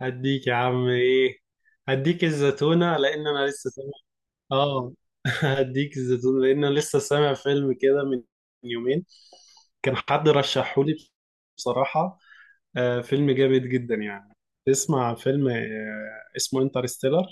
هديك يا عم ايه؟ هديك الزتونة لان انا لسه سامع. اه. هديك الزتونة لان انا لسه سامع فيلم كده من يومين. كان حد رشحهولي بصراحة. فيلم جامد جدا يعني. تسمع فيلم اسمه انترستيلر؟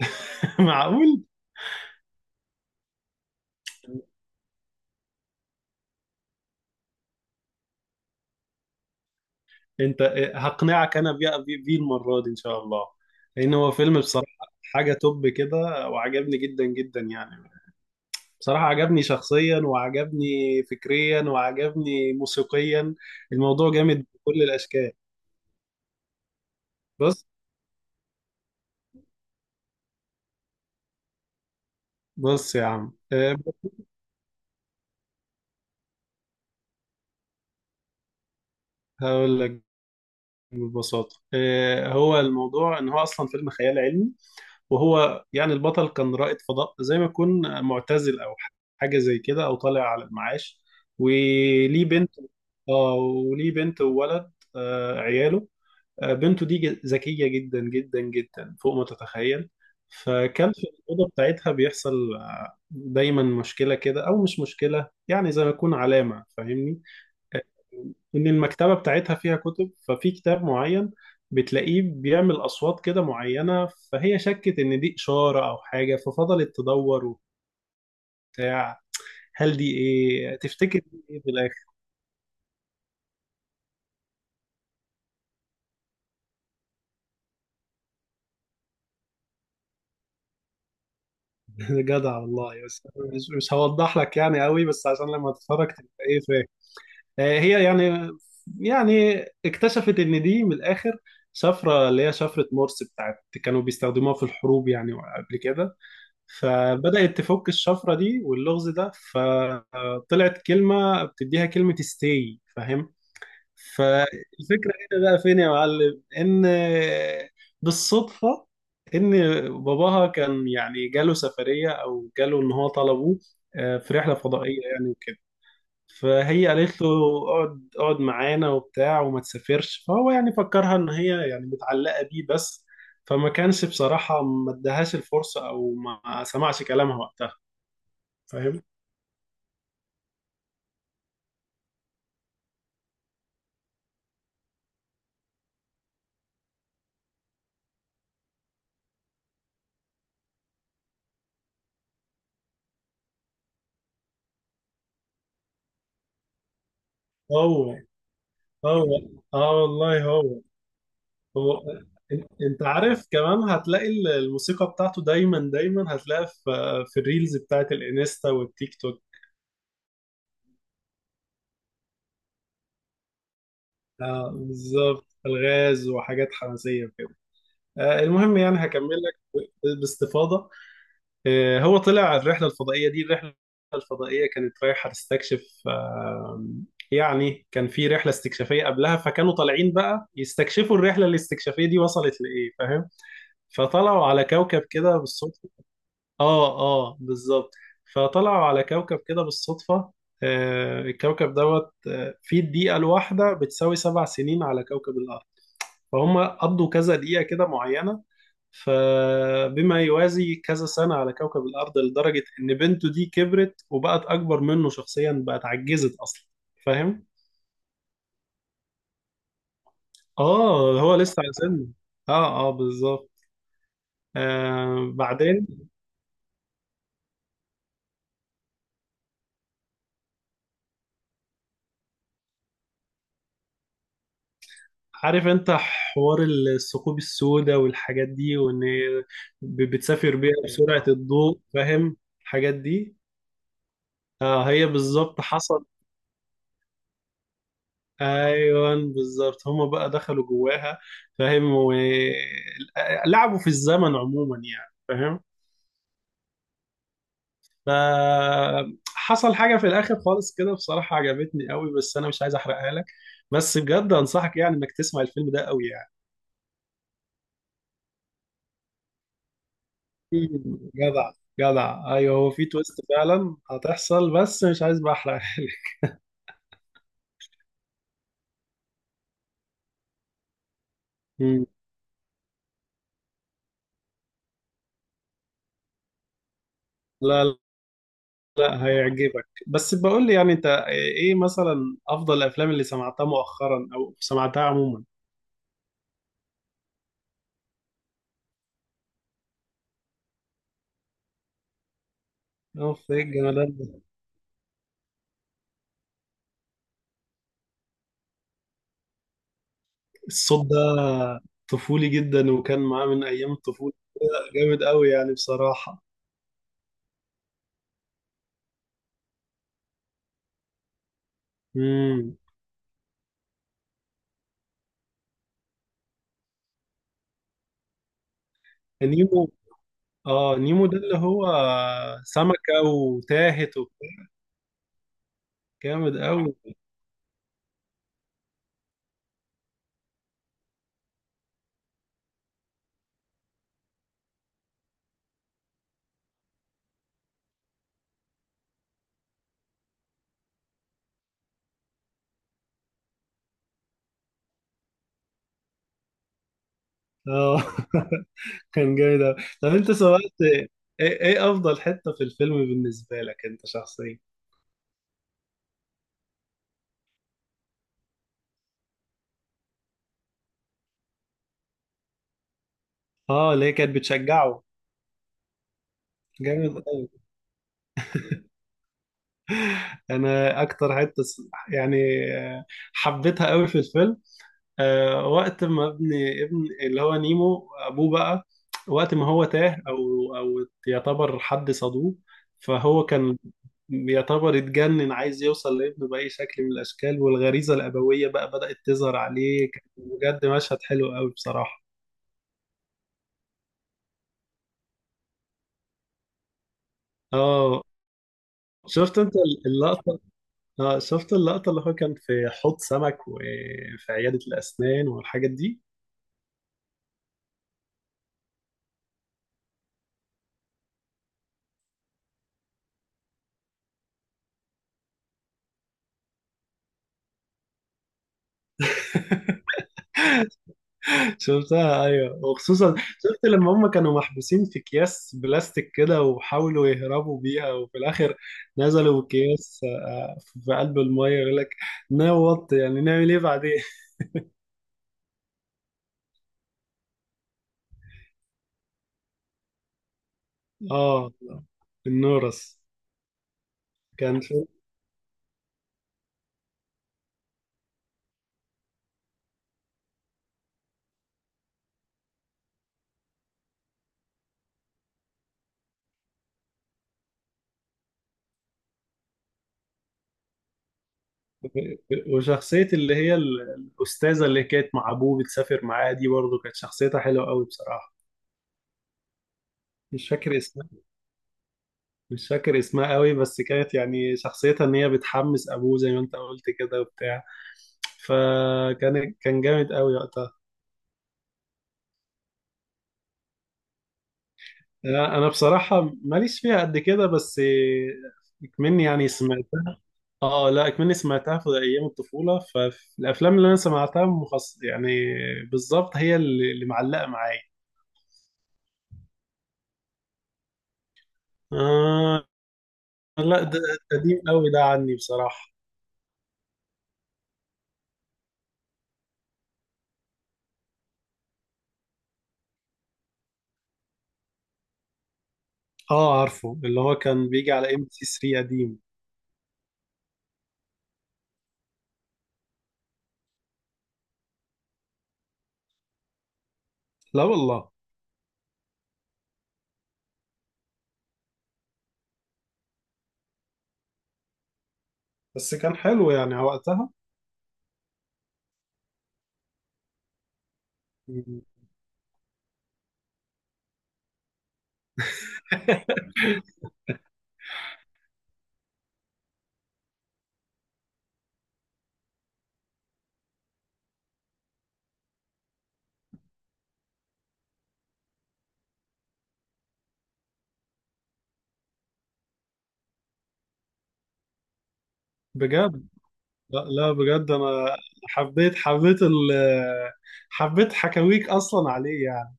معقول؟ انت هقنعك انا بيه المرة دي ان شاء الله. لان هو فيلم بصراحة حاجة توب كده. وعجبني جدا جدا يعني. بصراحة عجبني شخصيا وعجبني فكريا وعجبني موسيقيا. الموضوع جامد بكل الأشكال. بص. بص يا عم، هقول لك ببساطة. هو الموضوع إن هو أصلا فيلم خيال علمي. وهو يعني البطل كان رائد فضاء زي ما يكون معتزل أو حاجة زي كده، أو طالع على المعاش. وليه بنت. اه وليه بنت وولد، عياله. بنته دي ذكية جدا جدا جدا فوق ما تتخيل. فكان في الأوضة بتاعتها بيحصل دايما مشكلة كده، أو مش مشكلة يعني زي ما يكون علامة، فاهمني؟ آه، إن المكتبة بتاعتها فيها كتب. ففي كتاب معين بتلاقيه بيعمل أصوات كده معينة، فهي شكت إن دي إشارة أو حاجة، ففضلت تدور وبتاع. هل دي إيه تفتكر؟ دي إيه في الآخر؟ جدع والله. بس أنا مش هوضح لك يعني قوي، بس عشان لما تتفرج تبقى إيه فاهم. هي يعني، يعني اكتشفت ان دي من الاخر شفره، اللي هي شفره مورس بتاعت كانوا بيستخدموها في الحروب يعني قبل كده. فبدات تفك الشفره دي واللغز ده، فطلعت كلمه بتديها، كلمه ستاي فاهم. فالفكره هنا بقى فين يا معلم؟ ان بالصدفه، ان باباها كان يعني جاله سفريه، او جاله ان هو طلبوه في رحله فضائيه يعني وكده. فهي قالت له اقعد اقعد معانا وبتاع وما تسافرش. فهو يعني فكرها ان هي يعني متعلقة بيه بس، فما كانش بصراحة ما ادهاش الفرصة او ما سمعش كلامها وقتها، فاهم. هو. هو. اه والله هو. هو، انت عارف كمان هتلاقي الموسيقى بتاعته دايما دايما هتلاقيها في الريلز بتاعت الانستا والتيك توك. اه بالظبط الغاز وحاجات حماسية وكده. المهم يعني هكمل لك باستفاضة. هو طلع الرحلة الفضائية دي. الرحلة الفضائية كانت رايحة تستكشف. آم، يعني كان في رحلة استكشافية قبلها، فكانوا طالعين بقى يستكشفوا الرحلة الاستكشافية دي وصلت لإيه، فاهم. فطلعوا على كوكب كده بالصدفة. اه اه بالظبط. فطلعوا على كوكب كده بالصدفة. الكوكب دوت في الدقيقة الواحدة بتساوي 7 سنين على كوكب الأرض. فهم قضوا كذا دقيقة كده معينة، فبما يوازي كذا سنة على كوكب الأرض، لدرجة إن بنته دي كبرت وبقت أكبر منه شخصيا، بقت عجزت أصلا. فاهم؟ آه هو لسه على سنه. آه آه بالظبط. آه بعدين عارف أنت حوار الثقوب السوداء والحاجات دي، وإن بتسافر بيها بسرعة الضوء، فاهم؟ الحاجات دي. آه هي بالظبط حصل. ايوه بالظبط هما بقى دخلوا جواها. فاهم. ولعبوا في الزمن عموما يعني، فاهم. فحصل حاجه في الاخر خالص كده بصراحه عجبتني قوي، بس انا مش عايز احرقها لك. بس بجد انصحك يعني انك تسمع الفيلم ده قوي يعني. جدع. جدع ايوه هو في تويست فعلا هتحصل، بس مش عايز بقى احرقها لك. مم، لا. لا، لا، هيعجبك. بس بقول لي يعني انت ايه مثلا افضل الافلام اللي سمعتها مؤخرا او سمعتها عموما؟ اوف، ايه الجمدان ده. الصوت ده طفولي جدا وكان معاه من ايام الطفوله. جامد قوي يعني بصراحه. امم، نيمو. اه نيمو ده اللي هو سمكه وتاهت وبتاع. جامد قوي. اه كان جامد قوي. طب انت سمعت، ايه ايه افضل حته في الفيلم بالنسبه لك انت شخصيا؟ اه اللي هي كانت بتشجعه. جامد قوي. انا اكتر يعني، آه، حبيتها قوي في الفيلم. وقت ما ابن، ابن اللي هو نيمو ابوه بقى، وقت ما هو تاه او او يعتبر حد صادوه، فهو كان بيعتبر اتجنن عايز يوصل لابنه بأي شكل من الاشكال، والغريزة الابوية بقى بدأت تظهر عليه. كان بجد مشهد حلو قوي بصراحة. اه شفت انت اللقطة؟ اه شفت اللقطة اللي هو كان في حوض سمك وفي عيادة الاسنان والحاجات دي؟ شفتها ايوه، وخصوصا شفت لما هم كانوا محبوسين في اكياس بلاستيك كده، وحاولوا يهربوا بيها. وفي الاخر نزلوا اكياس في قلب الميه، يقول لك نوط، يعني نعمل ايه بعدين. اه النورس. كان شو- وشخصية اللي هي الأستاذة اللي كانت مع أبوه بتسافر معاه دي، برضه كانت شخصيتها حلوة قوي بصراحة. مش فاكر اسمها. مش فاكر اسمها قوي، بس كانت يعني شخصيتها إن هي بتحمس أبوه زي ما أنت قلت كده وبتاع. فكان كان جامد قوي وقتها. أنا بصراحه ماليش فيها قد كده، بس اكمني يعني سمعتها. اه لا، اكمني سمعتها في ايام الطفوله، فالافلام اللي انا سمعتها مخص يعني بالظبط هي اللي معلقه معايا. آه لا، ده قديم قوي ده عني بصراحه. اه عارفه اللي هو كان بيجي على MBC 3 قديم. لا والله. بس كان حلو يعني وقتها. بجد. لا لا بجد انا حبيت حبيت ال حبيت حكاويك اصلا عليه يعني.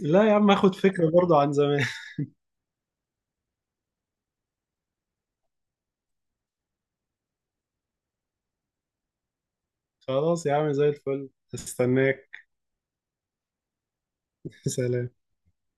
لا يا عم، اخد فكرة برضو عن زمان. خلاص يا عم زي الفل، استناك. سلام.